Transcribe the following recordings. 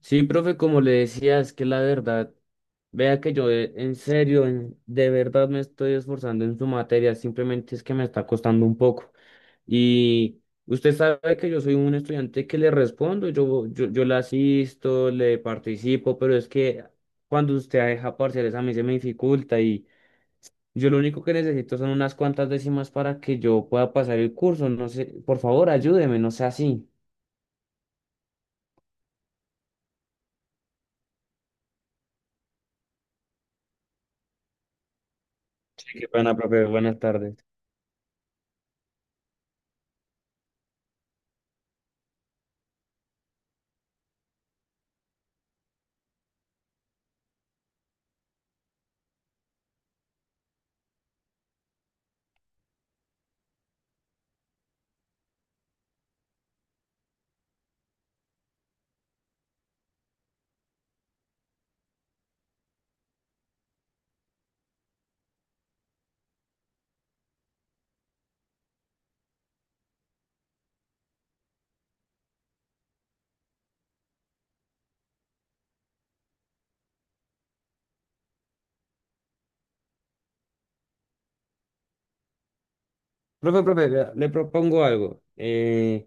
Sí, profe, como le decía, es que la verdad, vea que yo en serio, de verdad me estoy esforzando en su materia, simplemente es que me está costando un poco. Y usted sabe que yo soy un estudiante que le respondo, yo le asisto, le participo, pero es que cuando usted deja parciales a mí se me dificulta y yo lo único que necesito son unas cuantas décimas para que yo pueda pasar el curso. No sé, por favor, ayúdeme, no sea así. Sí, qué pena, profe, buenas tardes. Profe, profe, vea, le propongo algo.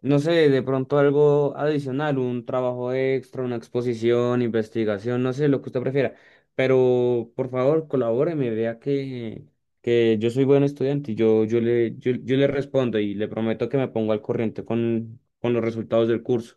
No sé, de pronto algo adicional, un trabajo extra, una exposición, investigación, no sé, lo que usted prefiera. Pero por favor, colabóreme, vea que yo soy buen estudiante y yo le respondo y le prometo que me pongo al corriente con los resultados del curso.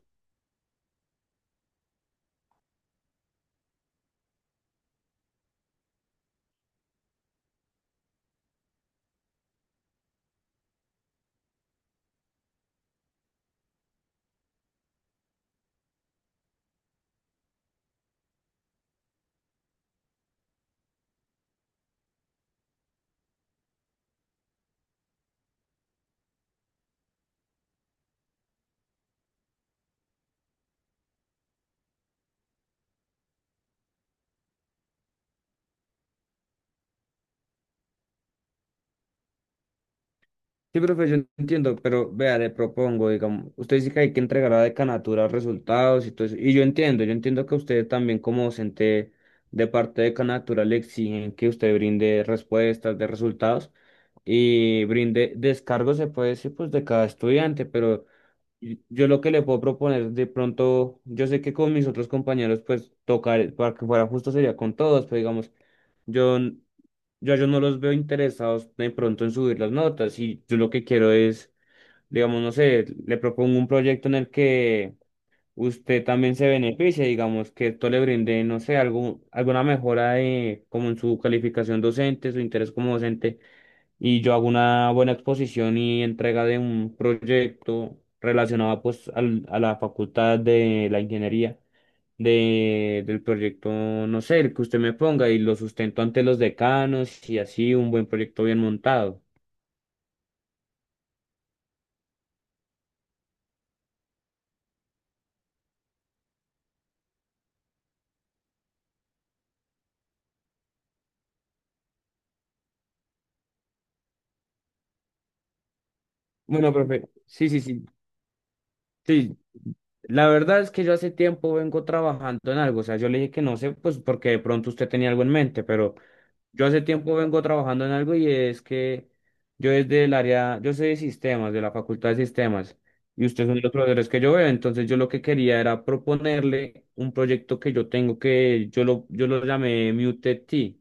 Sí, profe, yo entiendo, pero vea, le propongo, digamos, usted dice que hay que entregar a la decanatura resultados y todo eso, y yo entiendo que usted también como docente de parte de decanatura le exigen que usted brinde respuestas de resultados y brinde descargos, se puede decir, pues de cada estudiante, pero yo lo que le puedo proponer de pronto, yo sé que con mis otros compañeros, pues tocar, para que fuera justo sería con todos, pero digamos, yo yo a ellos no los veo interesados de pronto en subir las notas y yo lo que quiero es, digamos, no sé, le propongo un proyecto en el que usted también se beneficie, digamos, que esto le brinde, no sé, algún, alguna mejora de, como en su calificación docente, su interés como docente, y yo hago una buena exposición y entrega de un proyecto relacionado pues a la facultad de la ingeniería del proyecto, no sé, el que usted me ponga y lo sustento ante los decanos y así un buen proyecto bien montado. Bueno, profe, sí, sí, sí. Sí, la verdad es que yo hace tiempo vengo trabajando en algo, o sea, yo le dije que no sé, pues porque de pronto usted tenía algo en mente, pero yo hace tiempo vengo trabajando en algo y es que yo desde el área, yo soy de sistemas, de la Facultad de Sistemas, y usted es uno de los profesores que yo veo, entonces yo lo que quería era proponerle un proyecto que yo tengo que, yo lo llamé Muted T.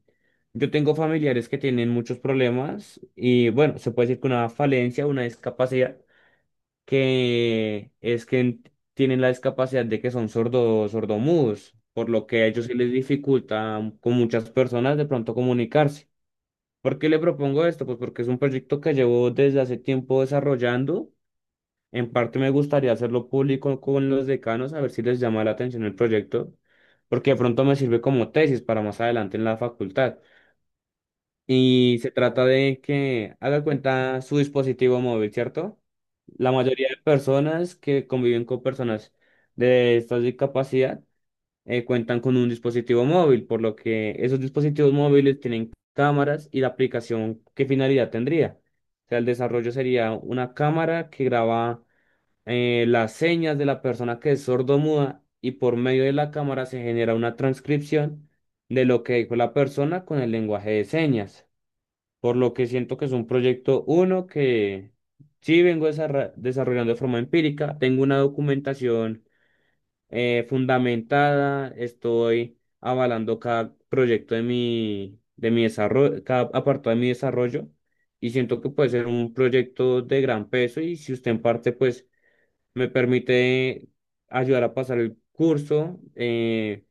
Yo tengo familiares que tienen muchos problemas y bueno, se puede decir que una falencia, una discapacidad, que es que tienen la discapacidad de que son sordos, sordomudos, por lo que a ellos se les dificulta con muchas personas de pronto comunicarse. ¿Por qué le propongo esto? Pues porque es un proyecto que llevo desde hace tiempo desarrollando. En parte me gustaría hacerlo público con los decanos, a ver si les llama la atención el proyecto, porque de pronto me sirve como tesis para más adelante en la facultad. Y se trata de que haga cuenta su dispositivo móvil, ¿cierto? La mayoría de personas que conviven con personas de esta discapacidad cuentan con un dispositivo móvil, por lo que esos dispositivos móviles tienen cámaras y la aplicación, ¿qué finalidad tendría? O sea, el desarrollo sería una cámara que graba las señas de la persona que es sordomuda y por medio de la cámara se genera una transcripción de lo que dijo la persona con el lenguaje de señas, por lo que siento que es un proyecto uno que sí vengo desarrollando de forma empírica, tengo una documentación fundamentada, estoy avalando cada proyecto de de mi desarrollo, cada apartado de mi desarrollo y siento que puede ser un proyecto de gran peso y si usted en parte pues me permite ayudar a pasar el curso,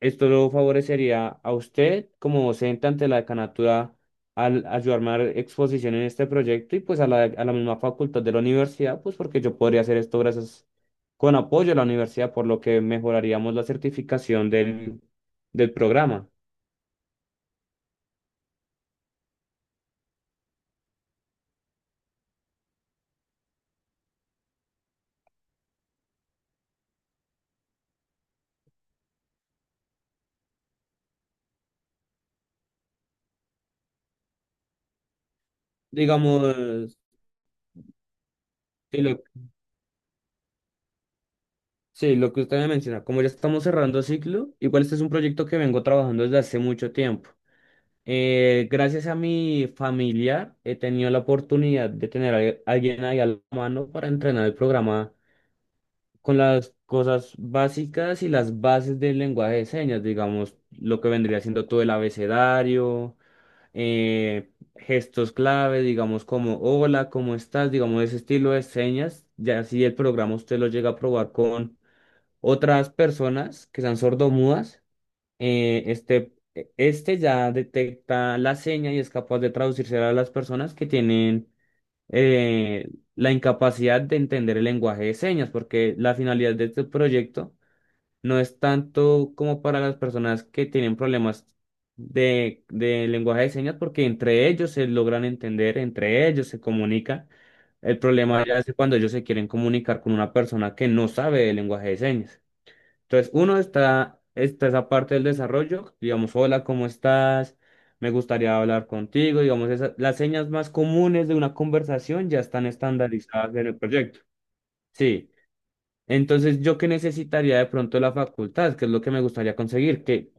esto lo favorecería a usted como docente ante la decanatura al ayudarme a dar exposición en este proyecto y pues a a la misma facultad de la universidad, pues porque yo podría hacer esto gracias con apoyo a la universidad, por lo que mejoraríamos la certificación del programa. Digamos, sí, lo, sí, lo que usted me menciona, como ya estamos cerrando ciclo, igual este es un proyecto que vengo trabajando desde hace mucho tiempo. Gracias a mi familiar he tenido la oportunidad de tener a alguien ahí a la mano para entrenar el programa con las cosas básicas y las bases del lenguaje de señas, digamos, lo que vendría siendo todo el abecedario, eh, gestos clave, digamos, como hola, ¿cómo estás? Digamos, ese estilo de señas, ya si el programa usted lo llega a probar con otras personas que sean sordomudas este ya detecta la seña y es capaz de traducirse a las personas que tienen eh, la incapacidad de entender el lenguaje de señas, porque la finalidad de este proyecto no es tanto como para las personas que tienen problemas de lenguaje de señas, porque entre ellos se logran entender, entre ellos se comunican. El problema ya es cuando ellos se quieren comunicar con una persona que no sabe el lenguaje de señas. Entonces, uno está esa parte del desarrollo, digamos, hola, ¿cómo estás? Me gustaría hablar contigo, digamos, esas, las señas más comunes de una conversación ya están estandarizadas en el proyecto. Sí. Entonces, ¿yo qué necesitaría de pronto la facultad? ¿Qué es lo que me gustaría conseguir? Que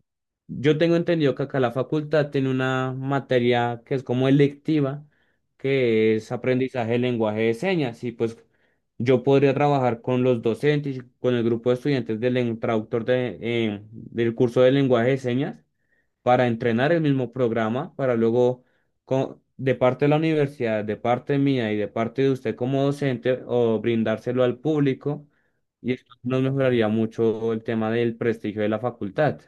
yo tengo entendido que acá la facultad tiene una materia que es como electiva, que es aprendizaje de lenguaje de señas. Y pues yo podría trabajar con los docentes, y con el grupo de estudiantes del traductor de, del curso de lenguaje de señas para entrenar el mismo programa, para luego, de parte de la universidad, de parte mía y de parte de usted como docente, o brindárselo al público, y esto nos mejoraría mucho el tema del prestigio de la facultad.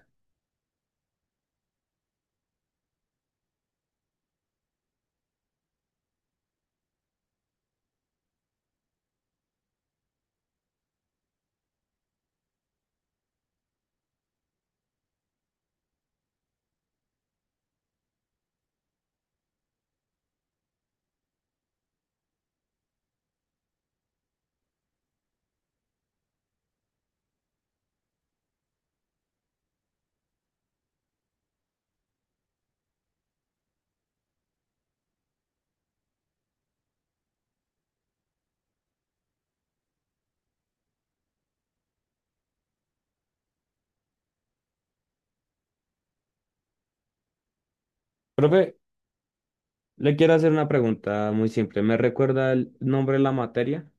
Profe, le quiero hacer una pregunta muy simple. ¿Me recuerda el nombre de la materia?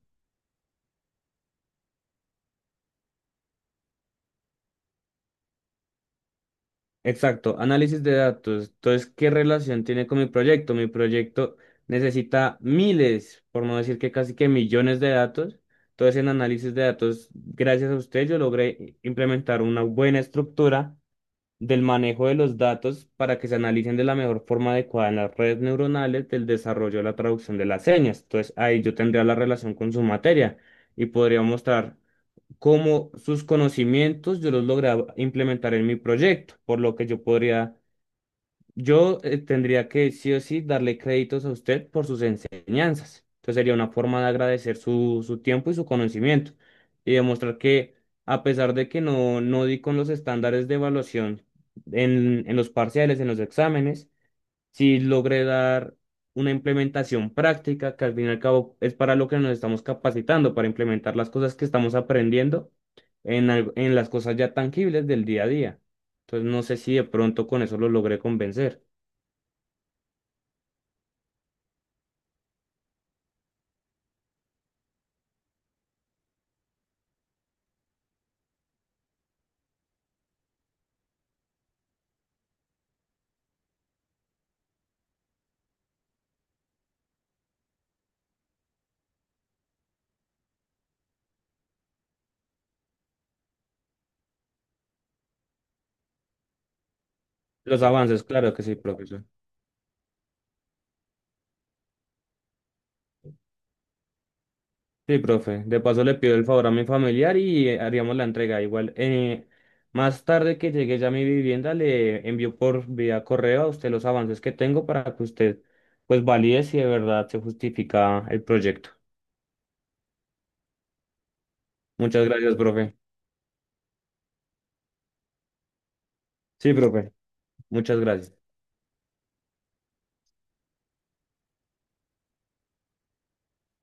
Exacto, análisis de datos. Entonces, ¿qué relación tiene con mi proyecto? Mi proyecto necesita miles, por no decir que casi que millones de datos. Entonces, en análisis de datos, gracias a usted, yo logré implementar una buena estructura del manejo de los datos para que se analicen de la mejor forma adecuada en las redes neuronales del desarrollo de la traducción de las señas. Entonces, ahí yo tendría la relación con su materia y podría mostrar cómo sus conocimientos yo los lograba implementar en mi proyecto, por lo que yo podría, yo tendría que sí o sí darle créditos a usted por sus enseñanzas. Entonces sería una forma de agradecer su tiempo y su conocimiento y demostrar que a pesar de que no, no di con los estándares de evaluación en los parciales, en los exámenes, si logré dar una implementación práctica, que al fin y al cabo es para lo que nos estamos capacitando, para implementar las cosas que estamos aprendiendo en las cosas ya tangibles del día a día. Entonces, no sé si de pronto con eso lo logré convencer. Los avances, claro que sí, profesor. Sí, profe. De paso le pido el favor a mi familiar y haríamos la entrega. Igual, más tarde que llegue ya a mi vivienda, le envío por vía correo a usted los avances que tengo para que usted pues valide si de verdad se justifica el proyecto. Muchas gracias, profe. Sí, profe. Muchas gracias.